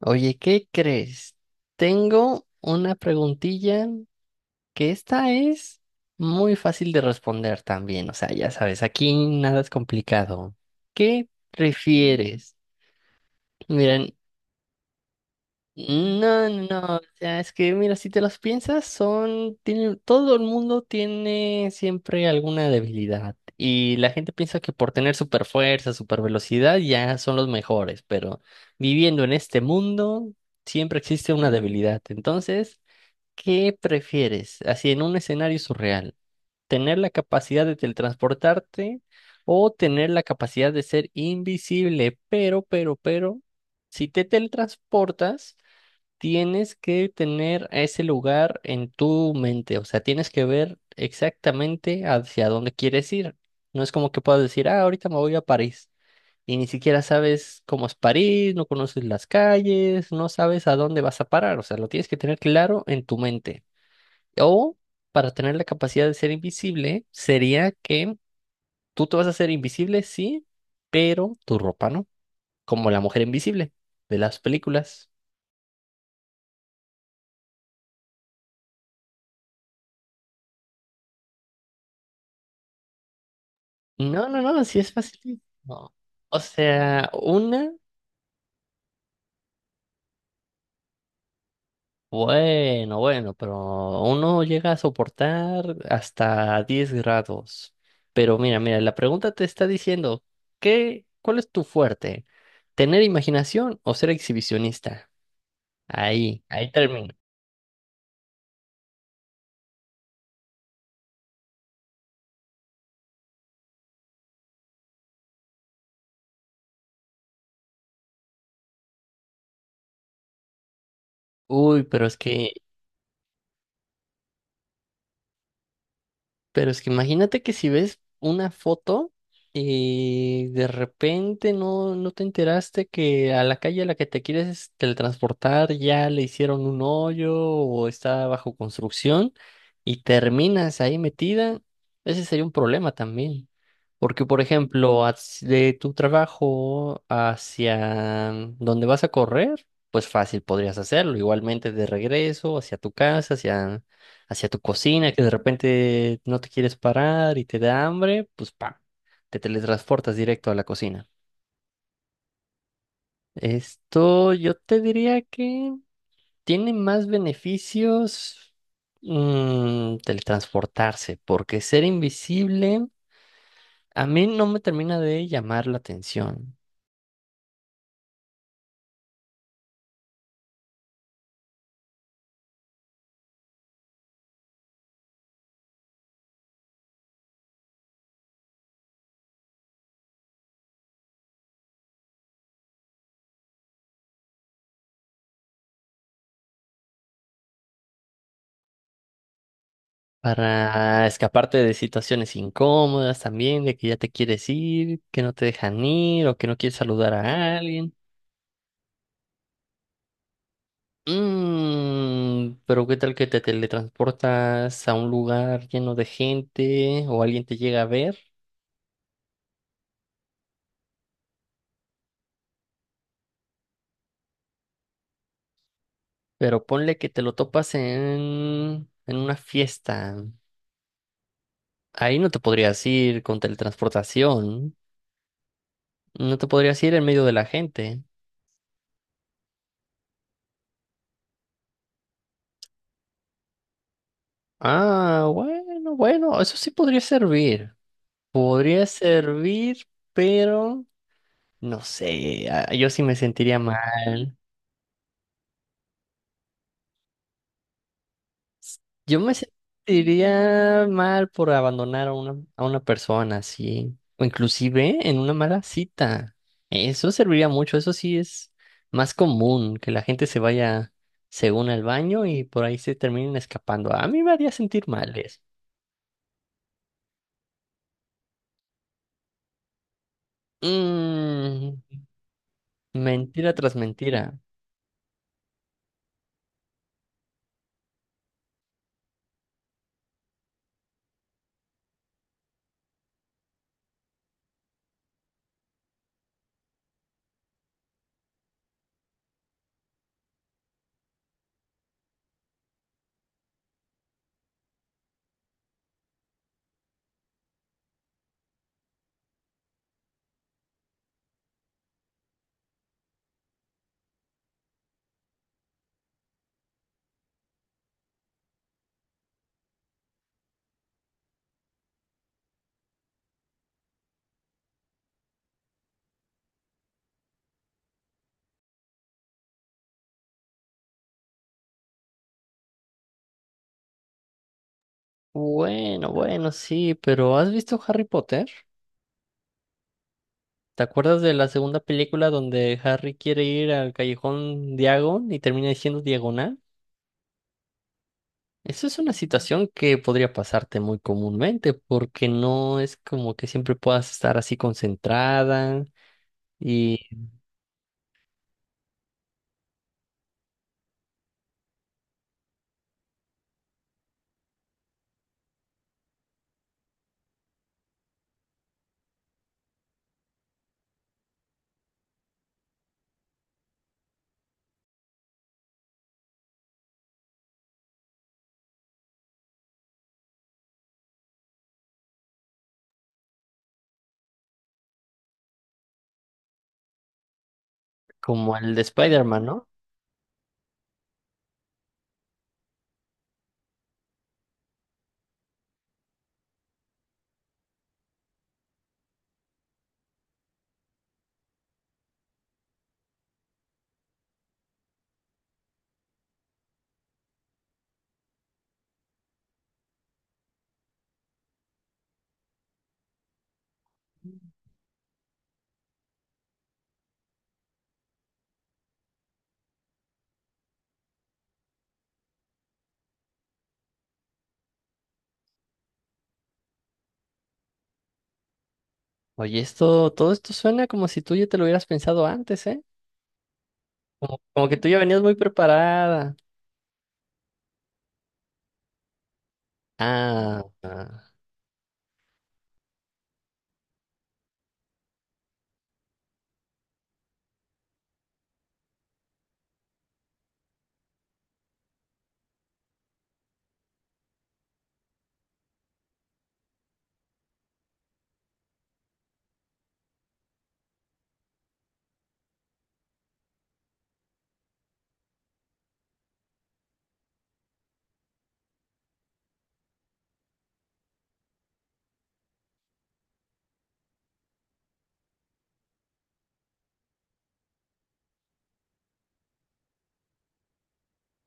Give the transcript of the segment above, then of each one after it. Oye, ¿qué crees? Tengo una preguntilla que esta es muy fácil de responder también. O sea, ya sabes, aquí nada es complicado. ¿Qué prefieres? Miren, no, no, no, o sea, es que mira, si te las piensas, son, tienen, todo el mundo tiene siempre alguna debilidad y la gente piensa que por tener super fuerza, super velocidad ya son los mejores, pero viviendo en este mundo siempre existe una debilidad. Entonces, ¿qué prefieres? Así en un escenario surreal, ¿tener la capacidad de teletransportarte o tener la capacidad de ser invisible? Pero, si te teletransportas tienes que tener a ese lugar en tu mente, o sea, tienes que ver exactamente hacia dónde quieres ir. No es como que puedas decir, ah, ahorita me voy a París y ni siquiera sabes cómo es París, no conoces las calles, no sabes a dónde vas a parar, o sea, lo tienes que tener claro en tu mente. O para tener la capacidad de ser invisible, sería que tú te vas a hacer invisible, sí, pero tu ropa no, como la mujer invisible de las películas. No, no, no, sí es fácil. No. O sea, una, bueno, bueno, pero uno llega a soportar hasta 10 grados. Pero mira, la pregunta te está diciendo, ¿qué, cuál es tu fuerte? ¿Tener imaginación o ser exhibicionista? Ahí termina. Uy, pero es que pero es que imagínate que si ves una foto y de repente no, no te enteraste que a la calle a la que te quieres teletransportar ya le hicieron un hoyo o está bajo construcción y terminas ahí metida, ese sería un problema también. Porque, por ejemplo, de tu trabajo hacia donde vas a correr, pues fácil podrías hacerlo. Igualmente de regreso, hacia tu casa, hacia tu cocina, que de repente no te quieres parar y te da hambre, pues ¡pam! Te teletransportas directo a la cocina. Esto yo te diría que tiene más beneficios, teletransportarse, porque ser invisible a mí no me termina de llamar la atención. Para escaparte de situaciones incómodas también, de que ya te quieres ir, que no te dejan ir o que no quieres saludar a alguien. Mm, pero ¿qué tal que te teletransportas a un lugar lleno de gente o alguien te llega a ver? Pero ponle que te lo topas en una fiesta. Ahí no te podrías ir con teletransportación. No te podrías ir en medio de la gente. Ah, bueno, bueno, eso sí podría servir. Podría servir, pero no sé, ah, yo sí me sentiría mal. Yo me sentiría mal por abandonar a a una persona, así, o inclusive en una mala cita. Eso serviría mucho. Eso sí es más común, que la gente se vaya según al baño y por ahí se terminen escapando. A mí me haría sentir mal eso. Mm, mentira tras mentira. Bueno, bueno, sí, pero ¿has visto Harry Potter? ¿Te acuerdas de la segunda película donde Harry quiere ir al callejón Diagon y termina diciendo diagonal? Eso es una situación que podría pasarte muy comúnmente porque no es como que siempre puedas estar así concentrada y como el de Spider-Man, ¿no? Oye, esto, todo esto suena como si tú ya te lo hubieras pensado antes, ¿eh? Como, como que tú ya venías muy preparada. Ah, ah,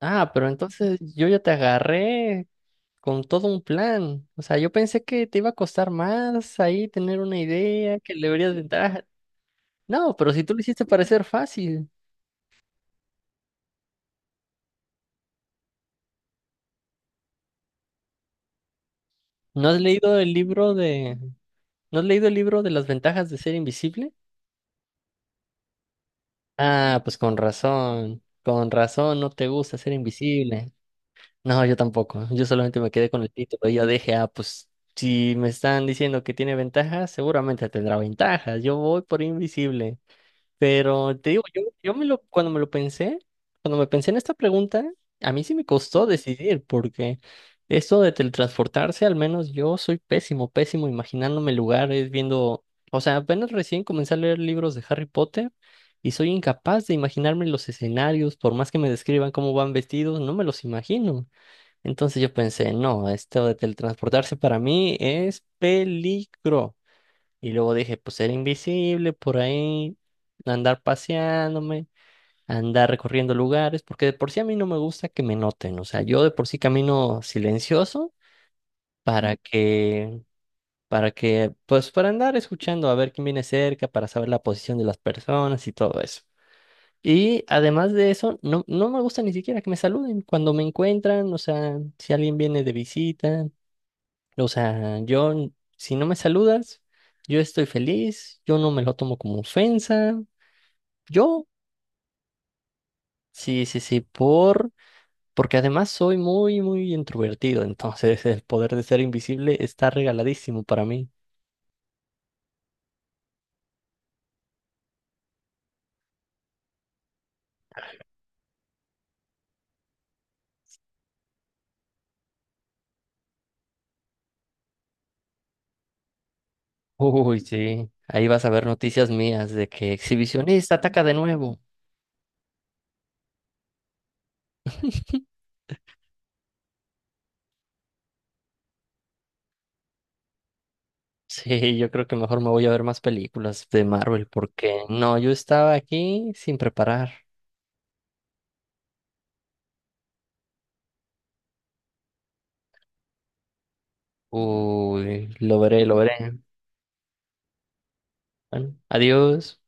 pero entonces yo ya te agarré con todo un plan. O sea, yo pensé que te iba a costar más ahí tener una idea, que le deberías de dar. No, pero si tú lo hiciste parecer fácil. ¿No has leído el libro de... ¿No has leído el libro de las ventajas de ser invisible? Ah, pues con razón, no te gusta ser invisible. No, yo tampoco, yo solamente me quedé con el título y yo dije, ah, pues si me están diciendo que tiene ventajas, seguramente tendrá ventajas, yo voy por invisible. Pero te digo, yo me lo, cuando me lo pensé, cuando me pensé en esta pregunta, a mí sí me costó decidir, porque esto de teletransportarse, al menos yo soy pésimo, pésimo imaginándome lugares, viendo, o sea, apenas recién comencé a leer libros de Harry Potter y soy incapaz de imaginarme los escenarios, por más que me describan cómo van vestidos, no me los imagino. Entonces yo pensé, no, esto de teletransportarse para mí es peligro. Y luego dije, pues ser invisible por ahí, andar paseándome, andar recorriendo lugares, porque de por sí a mí no me gusta que me noten, o sea, yo de por sí camino silencioso para que, para que, pues para andar escuchando a ver quién viene cerca, para saber la posición de las personas y todo eso. Y además de eso, no, no me gusta ni siquiera que me saluden cuando me encuentran, o sea, si alguien viene de visita. O sea, yo, si no me saludas, yo estoy feliz, yo no me lo tomo como ofensa. Yo, sí, sí, sí, por, porque además soy muy, muy introvertido, entonces el poder de ser invisible está regaladísimo para mí. Uy, sí, ahí vas a ver noticias mías de que exhibicionista ataca de nuevo. Sí, yo creo que mejor me voy a ver más películas de Marvel porque no, yo estaba aquí sin preparar. Uy, lo veré, lo veré. Bueno, adiós.